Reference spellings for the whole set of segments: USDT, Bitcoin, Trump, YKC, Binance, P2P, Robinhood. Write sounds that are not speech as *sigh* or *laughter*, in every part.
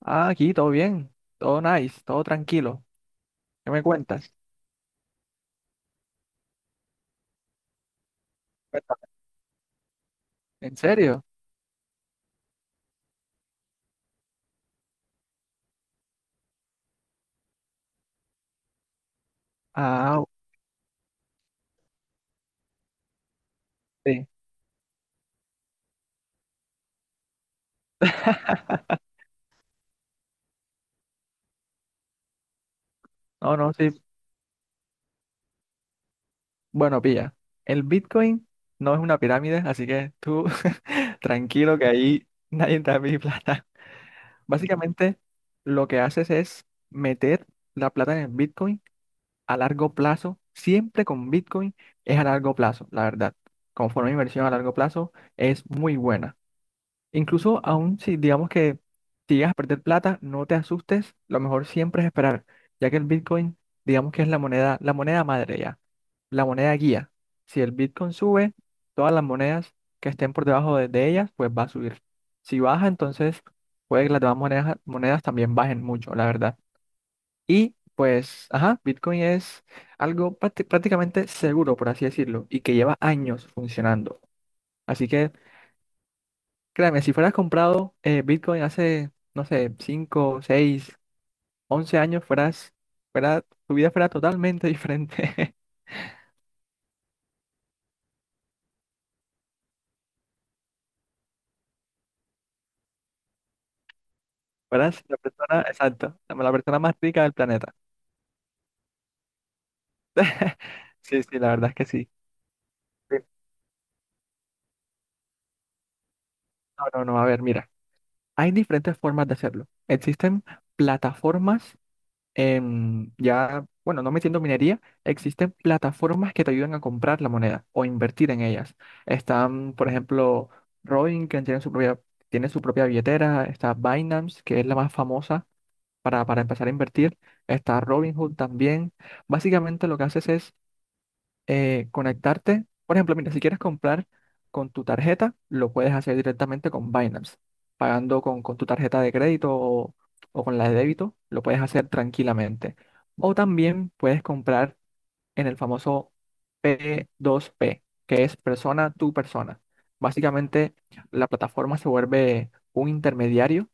Ah, aquí todo bien, todo nice, todo tranquilo. ¿Qué me cuentas? Cuéntame. ¿En serio? Ah, sí. No, no, sí. Bueno, pilla. El Bitcoin no es una pirámide, así que tú *laughs* tranquilo que ahí nadie te da mi plata. *laughs* Básicamente, lo que haces es meter la plata en el Bitcoin a largo plazo. Siempre con Bitcoin es a largo plazo, la verdad. Como forma de inversión a largo plazo es muy buena. Incluso aún si digamos que si llegas a perder plata, no te asustes, lo mejor siempre es esperar, ya que el Bitcoin, digamos que es la moneda madre ya, la moneda guía. Si el Bitcoin sube, todas las monedas que estén por debajo de ellas, pues va a subir. Si baja, entonces puede que las demás monedas, monedas también bajen mucho, la verdad. Y pues, ajá, Bitcoin es algo prácticamente seguro, por así decirlo, y que lleva años funcionando. Así que créeme, si fueras comprado Bitcoin hace, no sé, 5 6 11 años, fuera, tu vida fuera totalmente diferente. *laughs* Fueras la persona, exacto, la persona más rica del planeta. *laughs* Sí, sí, la verdad es que sí. Sí. No, no, no, a ver, mira, hay diferentes formas de hacerlo. Existen plataformas ya, bueno, no metiendo minería, existen plataformas que te ayudan a comprar la moneda o invertir en ellas. Están, por ejemplo, Robin, que tiene su propia billetera, está Binance, que es la más famosa para empezar a invertir, está Robinhood también. Básicamente lo que haces es conectarte. Por ejemplo, mira, si quieres comprar con tu tarjeta, lo puedes hacer directamente con Binance, pagando con tu tarjeta de crédito o con la de débito, lo puedes hacer tranquilamente. O también puedes comprar en el famoso P2P, que es persona tu persona. Básicamente, la plataforma se vuelve un intermediario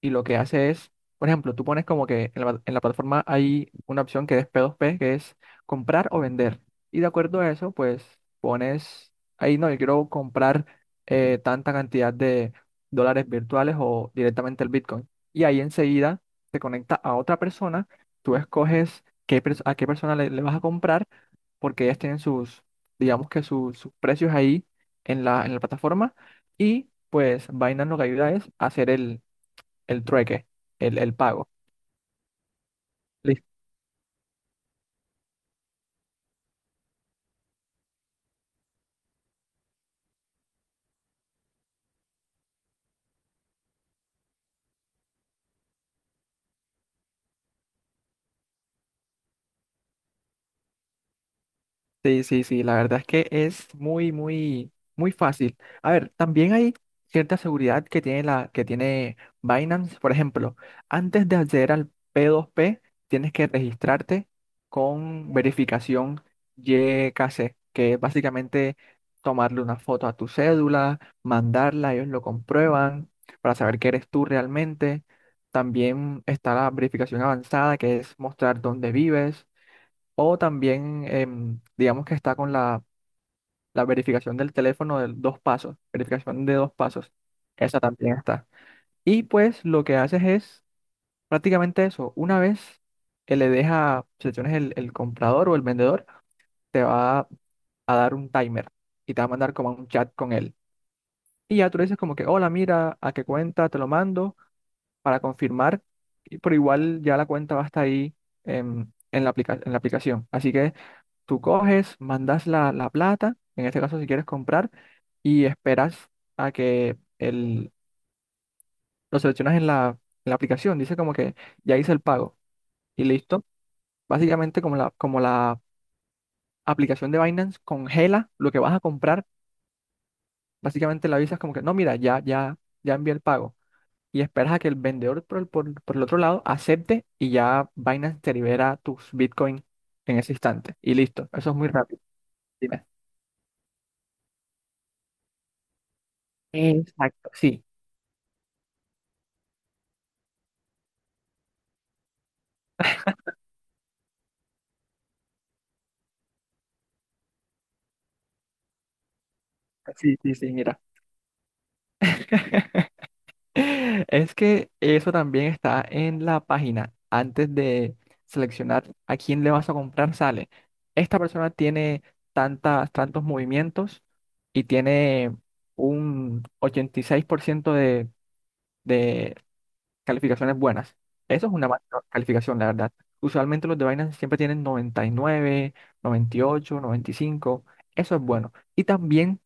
y lo que hace es, por ejemplo, tú pones como que en la plataforma hay una opción que es P2P, que es comprar o vender. Y de acuerdo a eso, pues pones ahí, no, yo quiero comprar tanta cantidad de dólares virtuales o directamente el Bitcoin. Y ahí enseguida te conecta a otra persona, tú escoges qué, a qué persona le vas a comprar, porque ellas tienen sus, digamos que sus precios ahí en la plataforma. Y pues Binance lo que ayuda es hacer el trueque, el pago. Lis- Sí, sí, sí, la verdad es que es muy fácil. A ver, también hay cierta seguridad que tiene que tiene Binance. Por ejemplo, antes de acceder al P2P, tienes que registrarte con verificación y YKC, que es básicamente tomarle una foto a tu cédula, mandarla, ellos lo comprueban para saber que eres tú realmente. También está la verificación avanzada, que es mostrar dónde vives. O también, digamos que está con la verificación del teléfono de dos pasos, verificación de dos pasos. Esa también está. Y pues lo que haces es prácticamente eso. Una vez que le deja selecciones el comprador o el vendedor, te va a dar un timer y te va a mandar como un chat con él. Y ya tú le dices como que, hola, mira, ¿a qué cuenta te lo mando para confirmar? Pero igual ya la cuenta va a estar ahí en la en la aplicación. Así que... Tú coges, mandas la plata, en este caso si quieres comprar, y esperas a lo seleccionas en en la aplicación. Dice como que ya hice el pago y listo. Básicamente como como la aplicación de Binance congela lo que vas a comprar, básicamente la avisas como que no, mira, ya envié el pago. Y esperas a que el vendedor por por el otro lado acepte y ya Binance te libera tus Bitcoin en ese instante. Y listo. Eso es muy rápido. Dime. Exacto. Sí, sí, sí, sí, mira. Es que eso también está en la página. Antes de seleccionar a quién le vas a comprar, sale. Esta persona tiene tantos movimientos y tiene un 86% de calificaciones buenas. Eso es una mala calificación, la verdad. Usualmente los de Binance siempre tienen noventa y nueve, noventa y ocho, noventa y cinco. Eso es bueno. Y también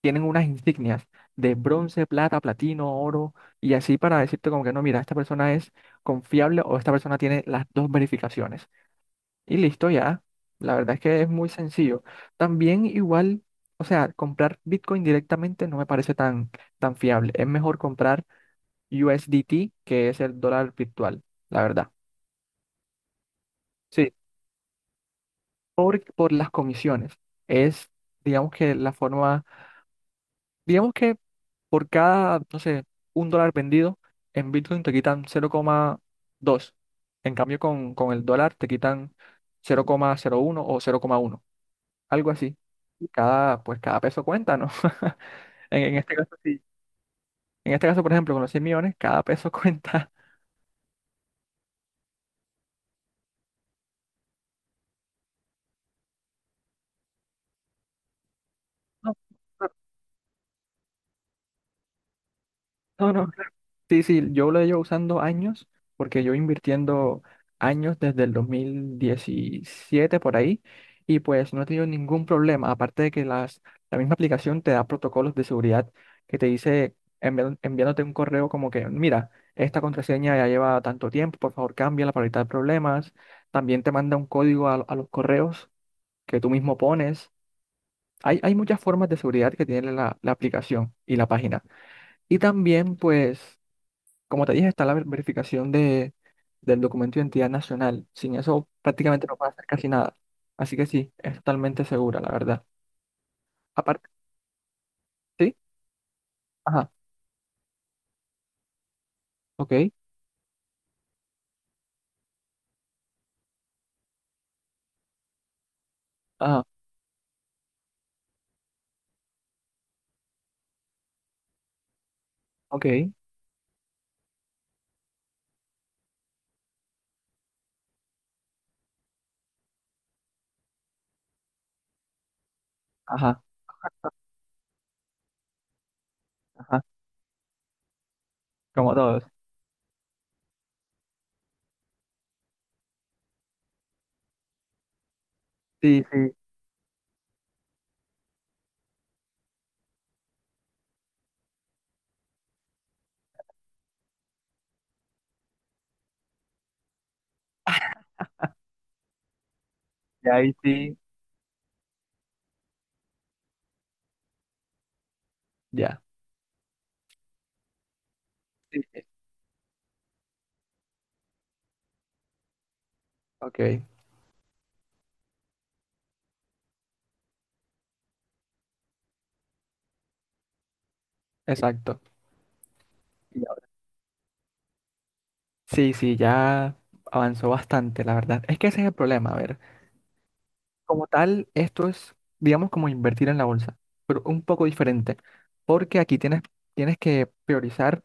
tienen unas insignias de bronce, plata, platino, oro, y así para decirte como que no, mira, esta persona es confiable o esta persona tiene las dos verificaciones. Y listo ya. La verdad es que es muy sencillo. También igual, o sea, comprar Bitcoin directamente no me parece tan fiable. Es mejor comprar USDT, que es el dólar virtual, la verdad. Sí, por las comisiones. Es, digamos que la forma, digamos que por cada, no sé, un dólar vendido, en Bitcoin te quitan 0,2. En cambio, con el dólar te quitan 0,01 o 0,1, algo así. Cada, pues cada peso cuenta, ¿no? *laughs* En este caso, sí. En este caso, por ejemplo, con los 100 millones, cada peso cuenta. *laughs* No, no, no. Sí, sí, yo lo llevo usando años, porque yo invirtiendo años desde el 2017 por ahí, y pues no he tenido ningún problema, aparte de que las, la misma aplicación te da protocolos de seguridad que te dice enviándote un correo como que, mira, esta contraseña ya lleva tanto tiempo, por favor cámbiala para evitar problemas, también te manda un código a los correos que tú mismo pones. Hay muchas formas de seguridad que tiene la aplicación y la página. Y también, pues... Como te dije, está la verificación de, del documento de identidad nacional. Sin eso prácticamente no puede hacer casi nada. Así que sí, es totalmente segura, la verdad. Aparte, sí, ajá, ok, ajá, ok, ajá, ajá, como todos. Sí, sí, ya ahí sí, ya. Sí, sí, ok, exacto. Y ahora... Sí, sí, ya avanzó bastante, la verdad. Es que ese es el problema, a ver. Como tal, esto es, digamos, como invertir en la bolsa, pero un poco diferente, porque aquí tienes, tienes que priorizar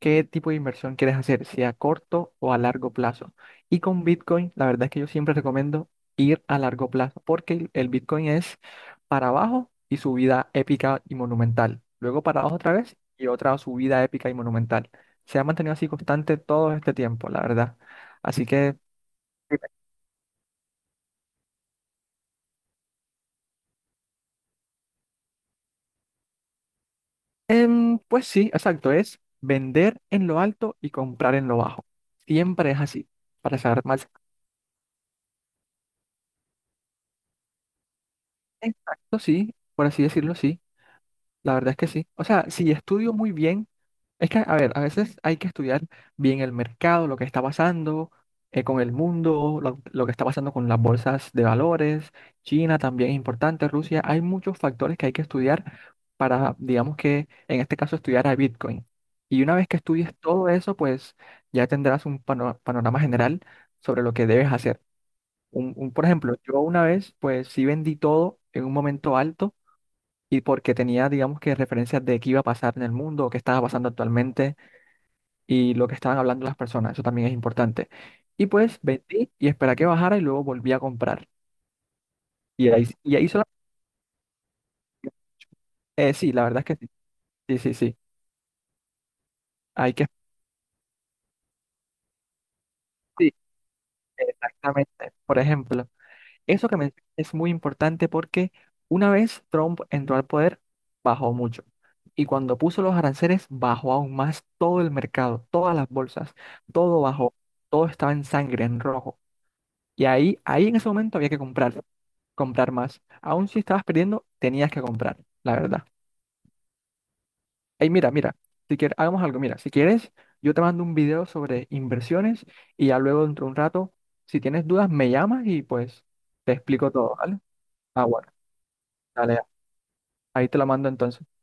qué tipo de inversión quieres hacer, si a corto o a largo plazo. Y con Bitcoin, la verdad es que yo siempre recomiendo ir a largo plazo, porque el Bitcoin es para abajo y subida épica y monumental. Luego para abajo otra vez y otra subida épica y monumental. Se ha mantenido así constante todo este tiempo, la verdad. Así que... pues sí, exacto, es vender en lo alto y comprar en lo bajo. Siempre es así, para saber más. Exacto, sí, por así decirlo, sí, la verdad es que sí. O sea, si estudio muy bien, es que, a ver, a veces hay que estudiar bien el mercado, lo que está pasando con el mundo, lo que está pasando con las bolsas de valores, China también es importante, Rusia, hay muchos factores que hay que estudiar para, digamos que, en este caso, estudiar a Bitcoin. Y una vez que estudies todo eso, pues ya tendrás un panorama general sobre lo que debes hacer. Por ejemplo, yo una vez, pues sí vendí todo en un momento alto y porque tenía, digamos que, referencias de qué iba a pasar en el mundo o qué estaba pasando actualmente y lo que estaban hablando las personas, eso también es importante. Y pues vendí y esperé a que bajara y luego volví a comprar. Y ahí solo, sí, la verdad es que sí, sí, sí, sí. Hay que, sí, exactamente. Por ejemplo, eso que mencionas es muy importante porque una vez Trump entró al poder, bajó mucho. Y cuando puso los aranceles, bajó aún más todo el mercado, todas las bolsas, todo bajó, todo estaba en sangre, en rojo. Y ahí, ahí en ese momento había que comprar. Comprar más. Aún si estabas perdiendo, tenías que comprar, la verdad. Ey, mira, mira, si quieres, hagamos algo, mira, si quieres, yo te mando un video sobre inversiones y ya luego dentro de un rato, si tienes dudas, me llamas y pues te explico todo, ¿vale? Ah, bueno, dale, ahí te lo mando entonces.